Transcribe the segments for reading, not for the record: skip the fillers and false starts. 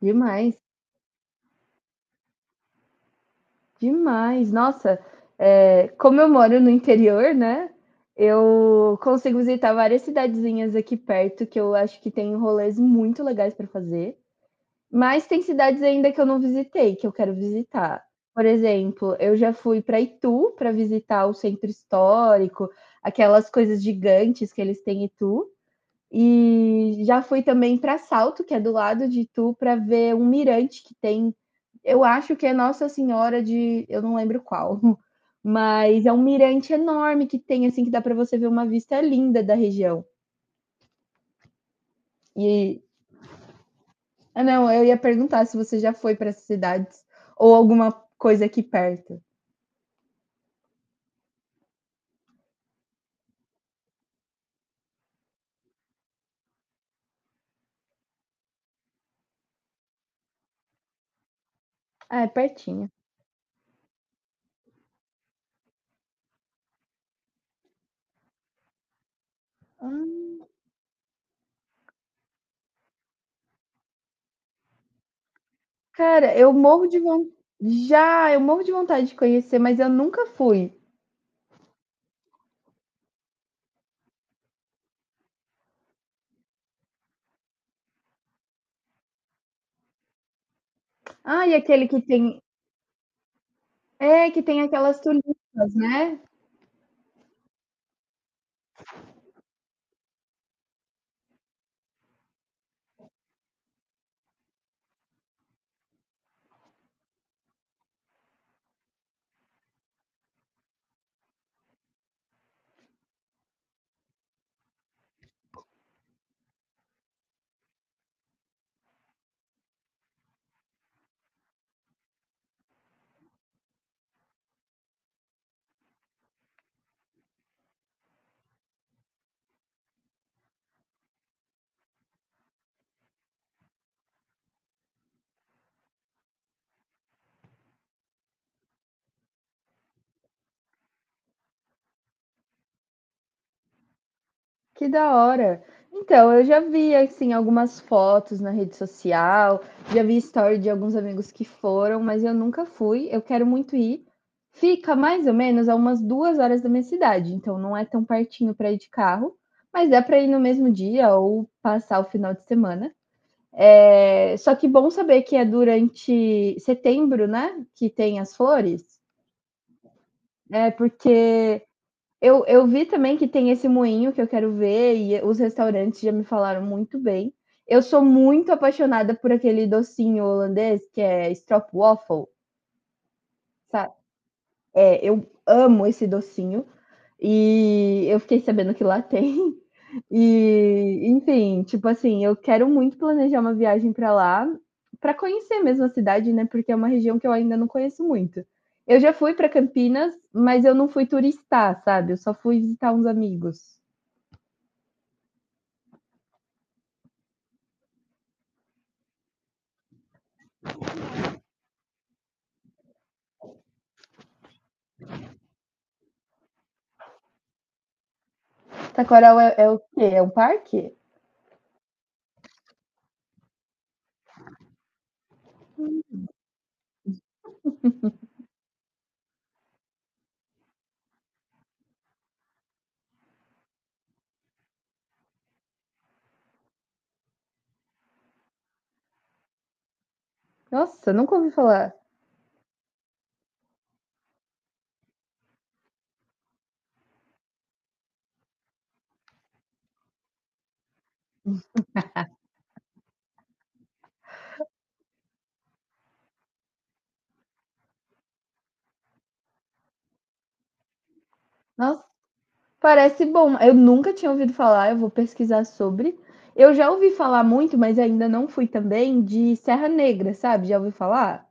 Demais, demais. Nossa, como eu moro no interior, né? Eu consigo visitar várias cidadezinhas aqui perto que eu acho que tem rolês muito legais para fazer, mas tem cidades ainda que eu não visitei, que eu quero visitar. Por exemplo, eu já fui para Itu para visitar o centro histórico, aquelas coisas gigantes que eles têm em Itu. E já fui também para Salto, que é do lado de Itu, para ver um mirante que tem. Eu acho que é Nossa Senhora de, eu não lembro qual, mas é um mirante enorme que tem assim que dá para você ver uma vista linda da região. E ah, não, eu ia perguntar se você já foi para essas cidades ou alguma coisa aqui perto. Ah, é pertinho. Hum. Cara, eu morro de vontade. Já, eu morro de vontade de conhecer, mas eu nunca fui. Ah, e aquele que tem É, que tem aquelas tulipas, né. Que da hora. Então, eu já vi, assim, algumas fotos na rede social, já vi story de alguns amigos que foram, mas eu nunca fui, eu quero muito ir. Fica mais ou menos a umas 2 horas da minha cidade, então não é tão pertinho para ir de carro, mas dá para ir no mesmo dia ou passar o final de semana. É só que bom saber que é durante setembro, né, que tem as flores, é porque Eu vi também que tem esse moinho que eu quero ver, e os restaurantes já me falaram muito bem. Eu sou muito apaixonada por aquele docinho holandês que é stroopwafel, sabe? É, eu amo esse docinho e eu fiquei sabendo que lá tem. E, enfim, tipo assim, eu quero muito planejar uma viagem para lá, para conhecer mesmo a cidade, né? Porque é uma região que eu ainda não conheço muito. Eu já fui para Campinas, mas eu não fui turistar, sabe? Eu só fui visitar uns amigos. Taquaral é o quê? É um parque? Nossa, nunca ouvi falar. Nossa, parece bom. Eu nunca tinha ouvido falar, eu vou pesquisar sobre. Eu já ouvi falar muito, mas ainda não fui também, de Serra Negra, sabe? Já ouvi falar?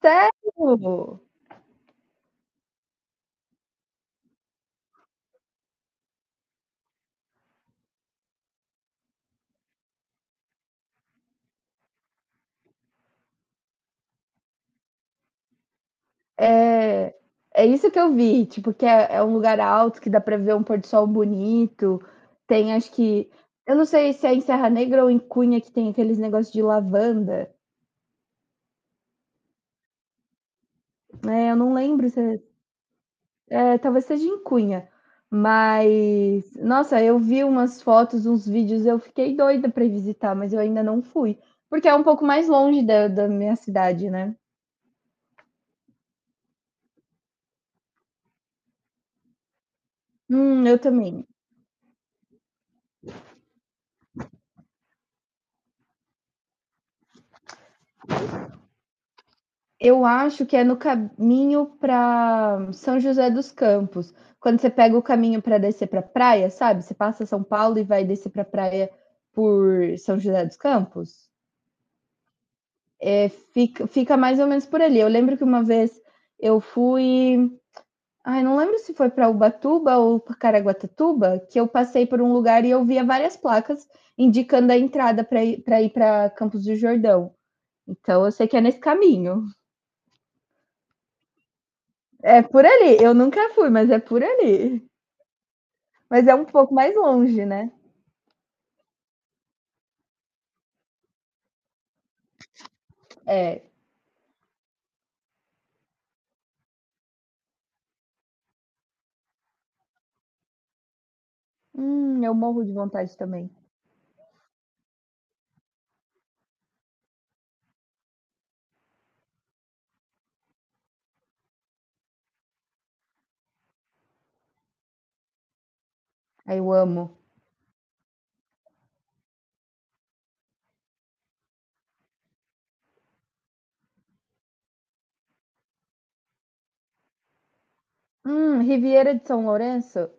Sério? É, é isso que eu vi, tipo, que é um lugar alto, que dá pra ver um pôr do sol bonito. Tem, acho que. Eu não sei se é em Serra Negra ou em Cunha que tem aqueles negócios de lavanda. É, eu não lembro se é. É, talvez seja em Cunha. Mas, nossa, eu vi umas fotos, uns vídeos, eu fiquei doida para visitar, mas eu ainda não fui. Porque é um pouco mais longe da minha cidade, né? Eu também. Eu acho que é no caminho para São José dos Campos. Quando você pega o caminho para descer para praia, sabe? Você passa São Paulo e vai descer para praia por São José dos Campos. É, fica mais ou menos por ali. Eu lembro que uma vez eu fui ai, não lembro se foi para Ubatuba ou pra Caraguatatuba, que eu passei por um lugar e eu via várias placas indicando a entrada para ir para Campos do Jordão. Então eu sei que é nesse caminho. É por ali. Eu nunca fui, mas é por ali. Mas é um pouco mais longe, né? É. Eu morro de vontade também. Aí eu amo. Riviera de São Lourenço?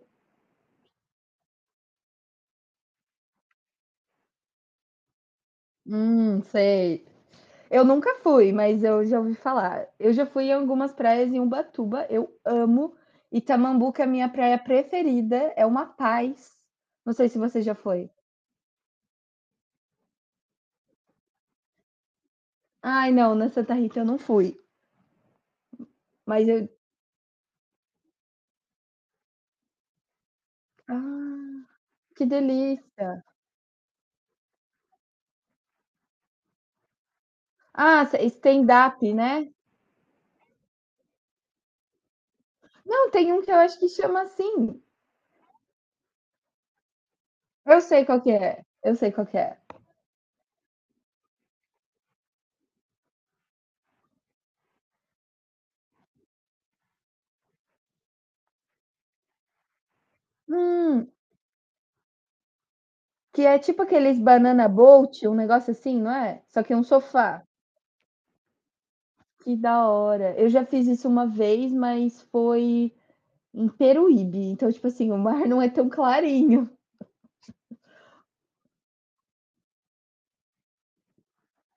Sei. Eu nunca fui, mas eu já ouvi falar. Eu já fui em algumas praias em Ubatuba, eu amo. Itamambuca é a minha praia preferida, é uma paz. Não sei se você já foi. Ai, não, na Santa Rita eu não fui, mas eu. Ah, que delícia! Ah, stand-up, né? Não, tem um que eu acho que chama assim. Eu sei qual que é, eu sei qual que é. Hum, que é tipo aqueles banana boat, um negócio assim, não é? Só que é um sofá. Que da hora. Eu já fiz isso uma vez, mas foi em Peruíbe. Então, tipo assim, o mar não é tão clarinho.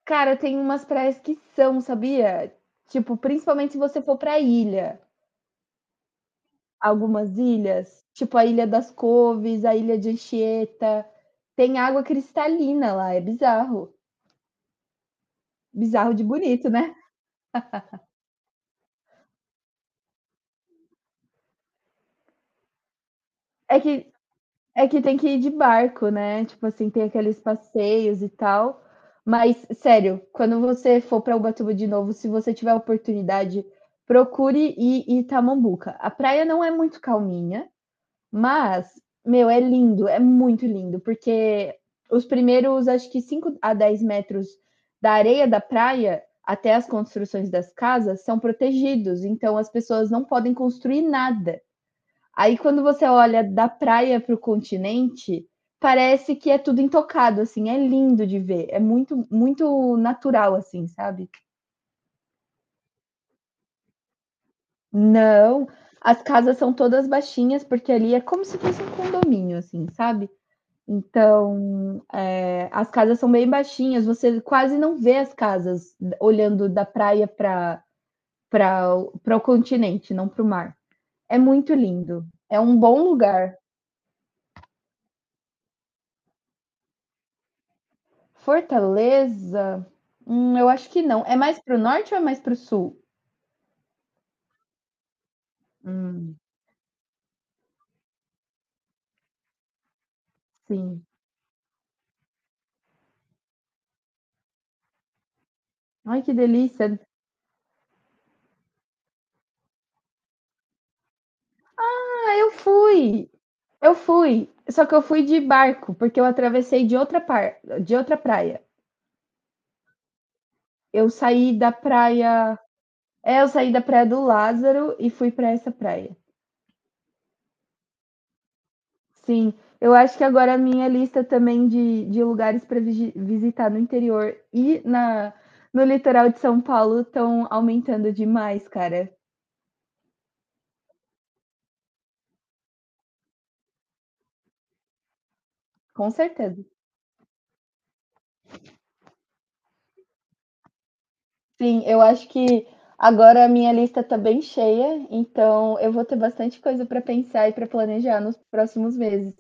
Cara, tem umas praias que são, sabia? Tipo, principalmente se você for pra ilha. Algumas ilhas, tipo a Ilha das Coves, a Ilha de Anchieta, tem água cristalina lá, é bizarro. Bizarro de bonito, né? É que É que tem que ir de barco, né? Tipo assim, tem aqueles passeios e tal. Mas, sério, quando você for para Ubatuba de novo, se você tiver a oportunidade, procure ir em Itamambuca. A praia não é muito calminha, mas, meu, é lindo, é muito lindo, porque os primeiros, acho que 5 a 10 metros da areia da praia até as construções das casas são protegidos, então as pessoas não podem construir nada. Aí quando você olha da praia para o continente, parece que é tudo intocado, assim, é lindo de ver, é muito, muito natural, assim, sabe? Não, as casas são todas baixinhas, porque ali é como se fosse um condomínio, assim, sabe? Então, é, as casas são bem baixinhas, você quase não vê as casas olhando da praia para para o continente, não para o mar. É muito lindo, é um bom lugar. Fortaleza? Eu acho que não. É mais para o norte ou é mais para o sul? Hum, sim. Ai, que delícia. Ah, eu fui! Eu fui, só que eu fui de barco, porque eu atravessei de outra praia. Eu saí da praia, é, eu saí da praia do Lázaro e fui para essa praia. Sim, eu acho que agora a minha lista também de lugares para visitar no interior e na no litoral de São Paulo estão aumentando demais, cara. Com certeza. Sim, eu acho que agora a minha lista está bem cheia, então eu vou ter bastante coisa para pensar e para planejar nos próximos meses.